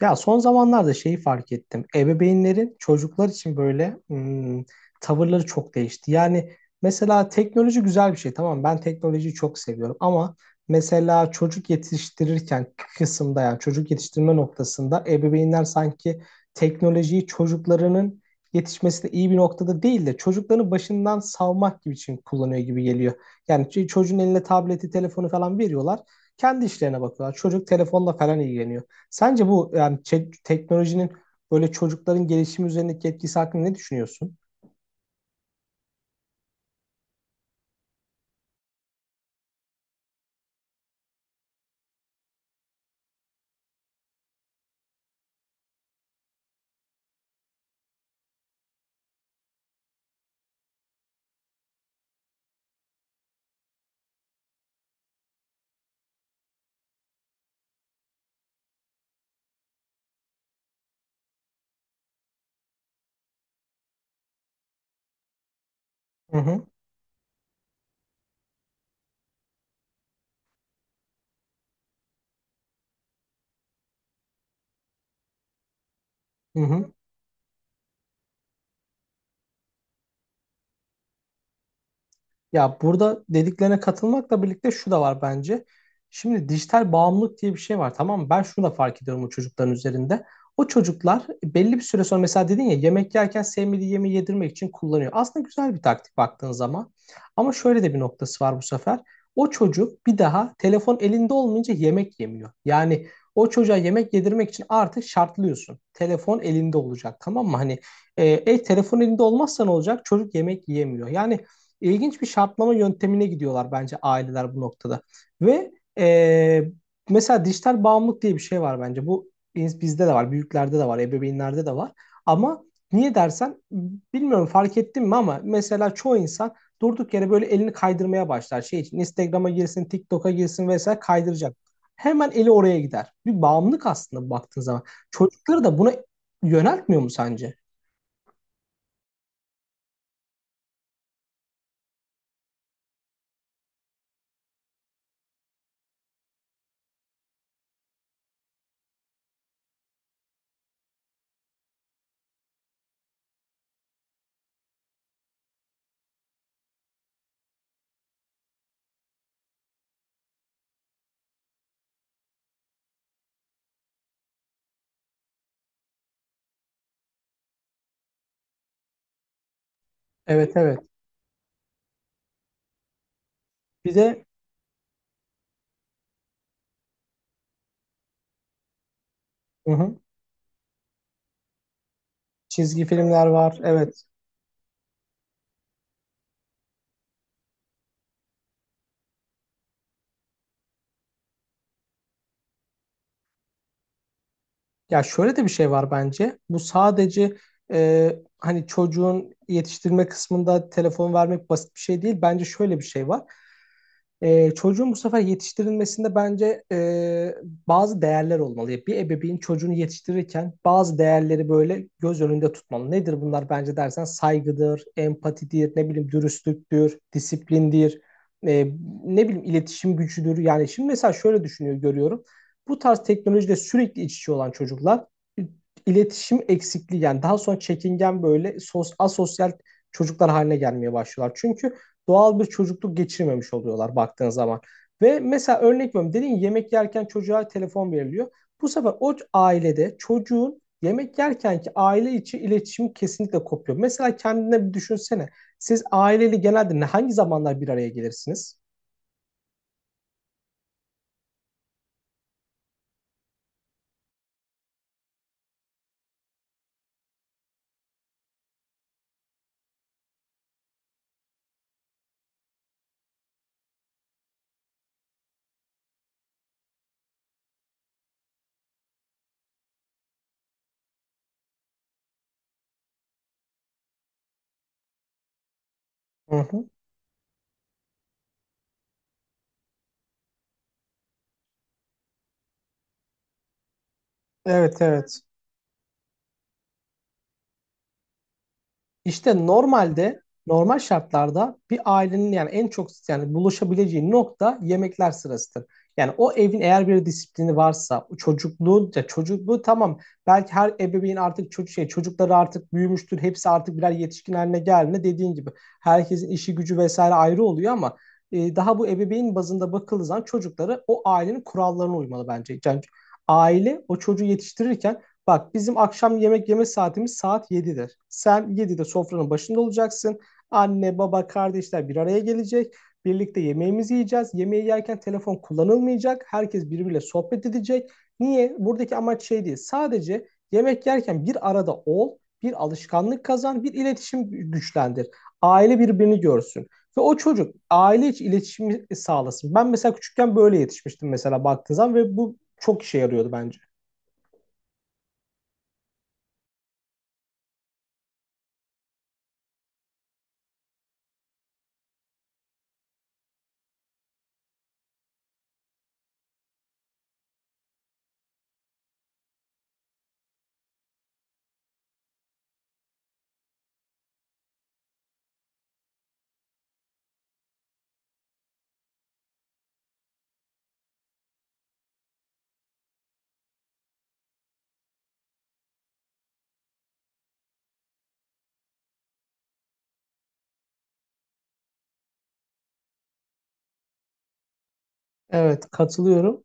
Ya son zamanlarda şeyi fark ettim. Ebeveynlerin çocuklar için böyle tavırları çok değişti. Yani mesela teknoloji güzel bir şey. Tamam, ben teknolojiyi çok seviyorum ama mesela çocuk yetiştirirken kısımda, yani çocuk yetiştirme noktasında ebeveynler sanki teknolojiyi çocuklarının yetişmesine iyi bir noktada değil de çocukların başından savmak gibi için kullanıyor gibi geliyor. Yani çocuğun eline tableti, telefonu falan veriyorlar. Kendi işlerine bakıyorlar. Çocuk telefonla falan ilgileniyor. Sence bu, yani teknolojinin böyle çocukların gelişimi üzerindeki etkisi hakkında ne düşünüyorsun? Hı hı, hı hı. Ya, burada dediklerine katılmakla birlikte şu da var bence. Şimdi dijital bağımlılık diye bir şey var, tamam mı? Ben şunu da fark ediyorum o çocukların üzerinde. O çocuklar belli bir süre sonra mesela dedin ya, yemek yerken sevmediği yemeği yedirmek için kullanıyor. Aslında güzel bir taktik baktığın zaman. Ama şöyle de bir noktası var bu sefer. O çocuk bir daha telefon elinde olmayınca yemek yemiyor. Yani o çocuğa yemek yedirmek için artık şartlıyorsun. Telefon elinde olacak, tamam mı? Hani telefon elinde olmazsa ne olacak? Çocuk yemek yiyemiyor. Yani ilginç bir şartlama yöntemine gidiyorlar bence aileler bu noktada. Ve e, mesela dijital bağımlılık diye bir şey var bence. Bu bizde de var, büyüklerde de var, ebeveynlerde de var. Ama niye dersen, bilmiyorum fark ettin mi ama mesela çoğu insan durduk yere böyle elini kaydırmaya başlar. Şey için Instagram'a girsin, TikTok'a girsin, vesaire kaydıracak. Hemen eli oraya gider. Bir bağımlılık aslında baktığın zaman. Çocukları da buna yöneltmiyor mu sence? Evet, evet. Bir de hı hı, çizgi filmler var. Evet. Ya şöyle de bir şey var bence. Bu sadece hani çocuğun yetiştirme kısmında telefon vermek basit bir şey değil. Bence şöyle bir şey var. Çocuğun bu sefer yetiştirilmesinde bence bazı değerler olmalı. Bir ebeveyn çocuğunu yetiştirirken bazı değerleri böyle göz önünde tutmalı. Nedir bunlar bence dersen, saygıdır, empatidir, ne bileyim dürüstlüktür, disiplindir, e, ne bileyim iletişim gücüdür. Yani şimdi mesela şöyle düşünüyor görüyorum. Bu tarz teknolojide sürekli iç içe olan çocuklar e, iletişim eksikliği, yani daha sonra çekingen böyle asosyal çocuklar haline gelmeye başlıyorlar. Çünkü doğal bir çocukluk geçirmemiş oluyorlar baktığın zaman. Ve mesela örnek veriyorum, dedin yemek yerken çocuğa telefon veriliyor. Bu sefer o ailede çocuğun yemek yerkenki aile içi iletişim kesinlikle kopuyor. Mesela kendine bir düşünsene. Siz aileyle genelde ne, hangi zamanlar bir araya gelirsiniz? Hı hı. Evet, evet. İşte normalde, normal şartlarda bir ailenin yani en çok yani buluşabileceği nokta yemekler sırasıdır. Yani o evin eğer bir disiplini varsa, o çocukluğu, ya çocukluğu tamam, belki her ebeveyn artık çocukları artık büyümüştür. Hepsi artık birer yetişkin haline geldiğinde dediğin gibi herkesin işi gücü vesaire ayrı oluyor ama daha bu ebeveyn bazında bakıldığı zaman çocukları o ailenin kurallarına uymalı bence. Yani aile o çocuğu yetiştirirken, bak bizim akşam yemek yeme saatimiz saat 7'dir. Sen 7'de sofranın başında olacaksın. Anne, baba, kardeşler bir araya gelecek. Birlikte yemeğimizi yiyeceğiz. Yemeği yerken telefon kullanılmayacak. Herkes birbiriyle sohbet edecek. Niye? Buradaki amaç şey değil. Sadece yemek yerken bir arada ol, bir alışkanlık kazan, bir iletişim güçlendir. Aile birbirini görsün. Ve o çocuk aile içi iletişimi sağlasın. Ben mesela küçükken böyle yetişmiştim mesela baktığın zaman ve bu çok işe yarıyordu bence. Evet, katılıyorum.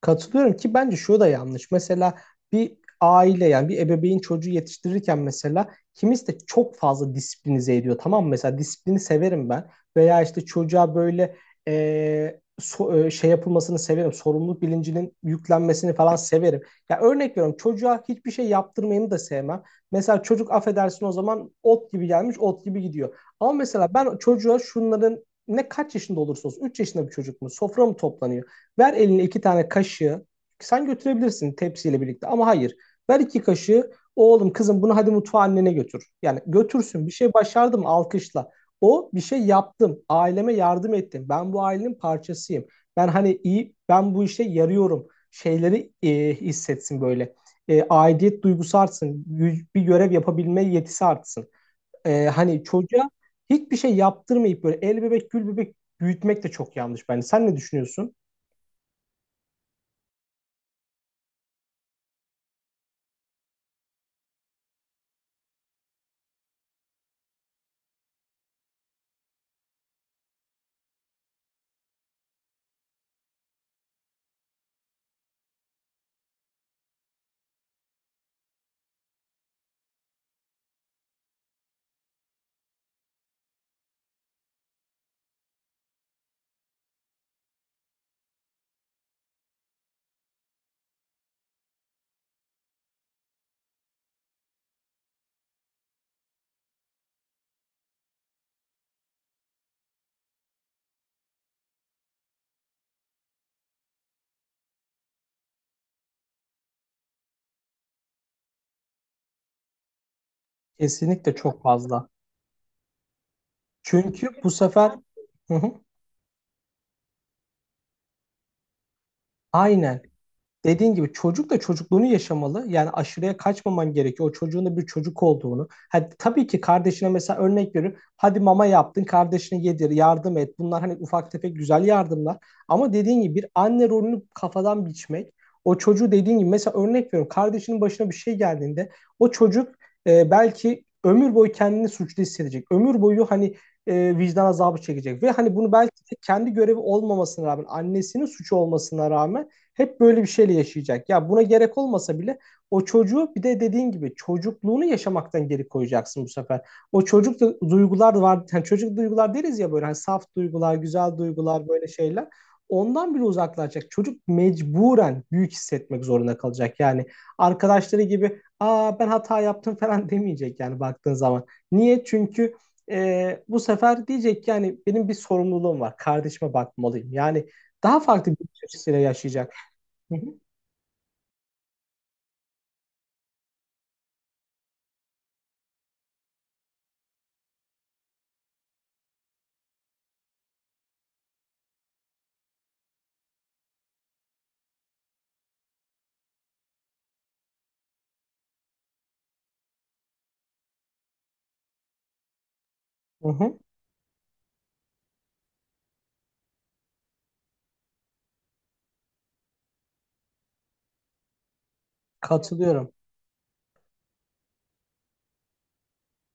Katılıyorum ki bence şu da yanlış. Mesela bir aile, yani bir ebeveyn çocuğu yetiştirirken mesela kimisi de çok fazla disiplinize ediyor. Tamam mı? Mesela disiplini severim ben. Veya işte çocuğa böyle şey yapılmasını severim. Sorumluluk bilincinin yüklenmesini falan severim. Ya, örnek veriyorum, çocuğa hiçbir şey yaptırmayını da sevmem. Mesela çocuk, affedersin, o zaman ot gibi gelmiş, ot gibi gidiyor. Ama mesela ben çocuğa şunların, ne kaç yaşında olursa olsun, 3 yaşında bir çocuk mu, sofra mı toplanıyor? Ver eline iki tane kaşığı. Sen götürebilirsin tepsiyle birlikte ama hayır. Ver iki kaşığı. Oğlum, kızım, bunu hadi mutfağa annene götür. Yani götürsün, bir şey başardım, alkışla. O bir şey yaptım. Aileme yardım ettim. Ben bu ailenin parçasıyım. Ben hani iyi, ben bu işe yarıyorum. Şeyleri hissetsin böyle. E, aidiyet duygusu artsın. Bir görev yapabilme yetisi artsın. E, hani çocuğa hiçbir şey yaptırmayıp böyle el bebek gül bebek büyütmek de çok yanlış bence. Sen ne düşünüyorsun? Kesinlikle çok fazla. Çünkü bu sefer hı hı. Aynen. Dediğin gibi çocuk da çocukluğunu yaşamalı. Yani aşırıya kaçmaman gerekiyor. O çocuğun da bir çocuk olduğunu. Hadi, tabii ki kardeşine, mesela örnek veriyorum, hadi mama yaptın, kardeşine yedir, yardım et. Bunlar hani ufak tefek güzel yardımlar. Ama dediğin gibi bir anne rolünü kafadan biçmek. O çocuğu dediğin gibi, mesela örnek veriyorum, kardeşinin başına bir şey geldiğinde o çocuk belki ömür boyu kendini suçlu hissedecek. Ömür boyu hani vicdan azabı çekecek. Ve hani bunu belki de kendi görevi olmamasına rağmen, annesinin suçu olmasına rağmen hep böyle bir şeyle yaşayacak. Ya buna gerek olmasa bile o çocuğu bir de dediğin gibi çocukluğunu yaşamaktan geri koyacaksın bu sefer. Duygular var. Yani çocuk duygular deriz ya, böyle hani saf duygular, güzel duygular, böyle şeyler. Ondan bile uzaklaşacak. Çocuk mecburen büyük hissetmek zorunda kalacak. Yani arkadaşları gibi, aa ben hata yaptım falan demeyecek yani baktığın zaman. Niye? Çünkü bu sefer diyecek ki yani benim bir sorumluluğum var. Kardeşime bakmalıyım. Yani daha farklı bir bakış açısıyla yaşayacak. Hı hı, hı hı. Katılıyorum.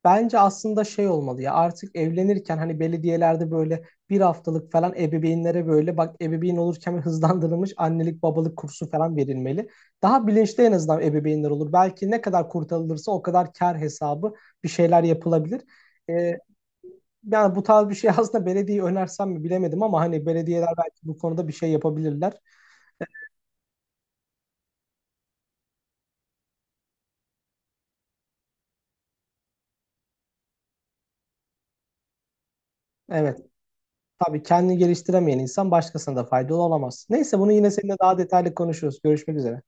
Bence aslında şey olmalı, ya artık evlenirken hani belediyelerde böyle 1 haftalık falan ebeveynlere böyle, bak ebeveyn olurken, hızlandırılmış annelik babalık kursu falan verilmeli. Daha bilinçli en azından ebeveynler olur. Belki ne kadar kurtarılırsa o kadar kar hesabı bir şeyler yapılabilir. Ee, Yani bu tarz bir şey aslında belediye önersem mi bilemedim ama hani belediyeler belki bu konuda bir şey yapabilirler. Evet. Tabii kendini geliştiremeyen insan başkasına da faydalı olamaz. Neyse, bunu yine seninle daha detaylı konuşuruz. Görüşmek üzere.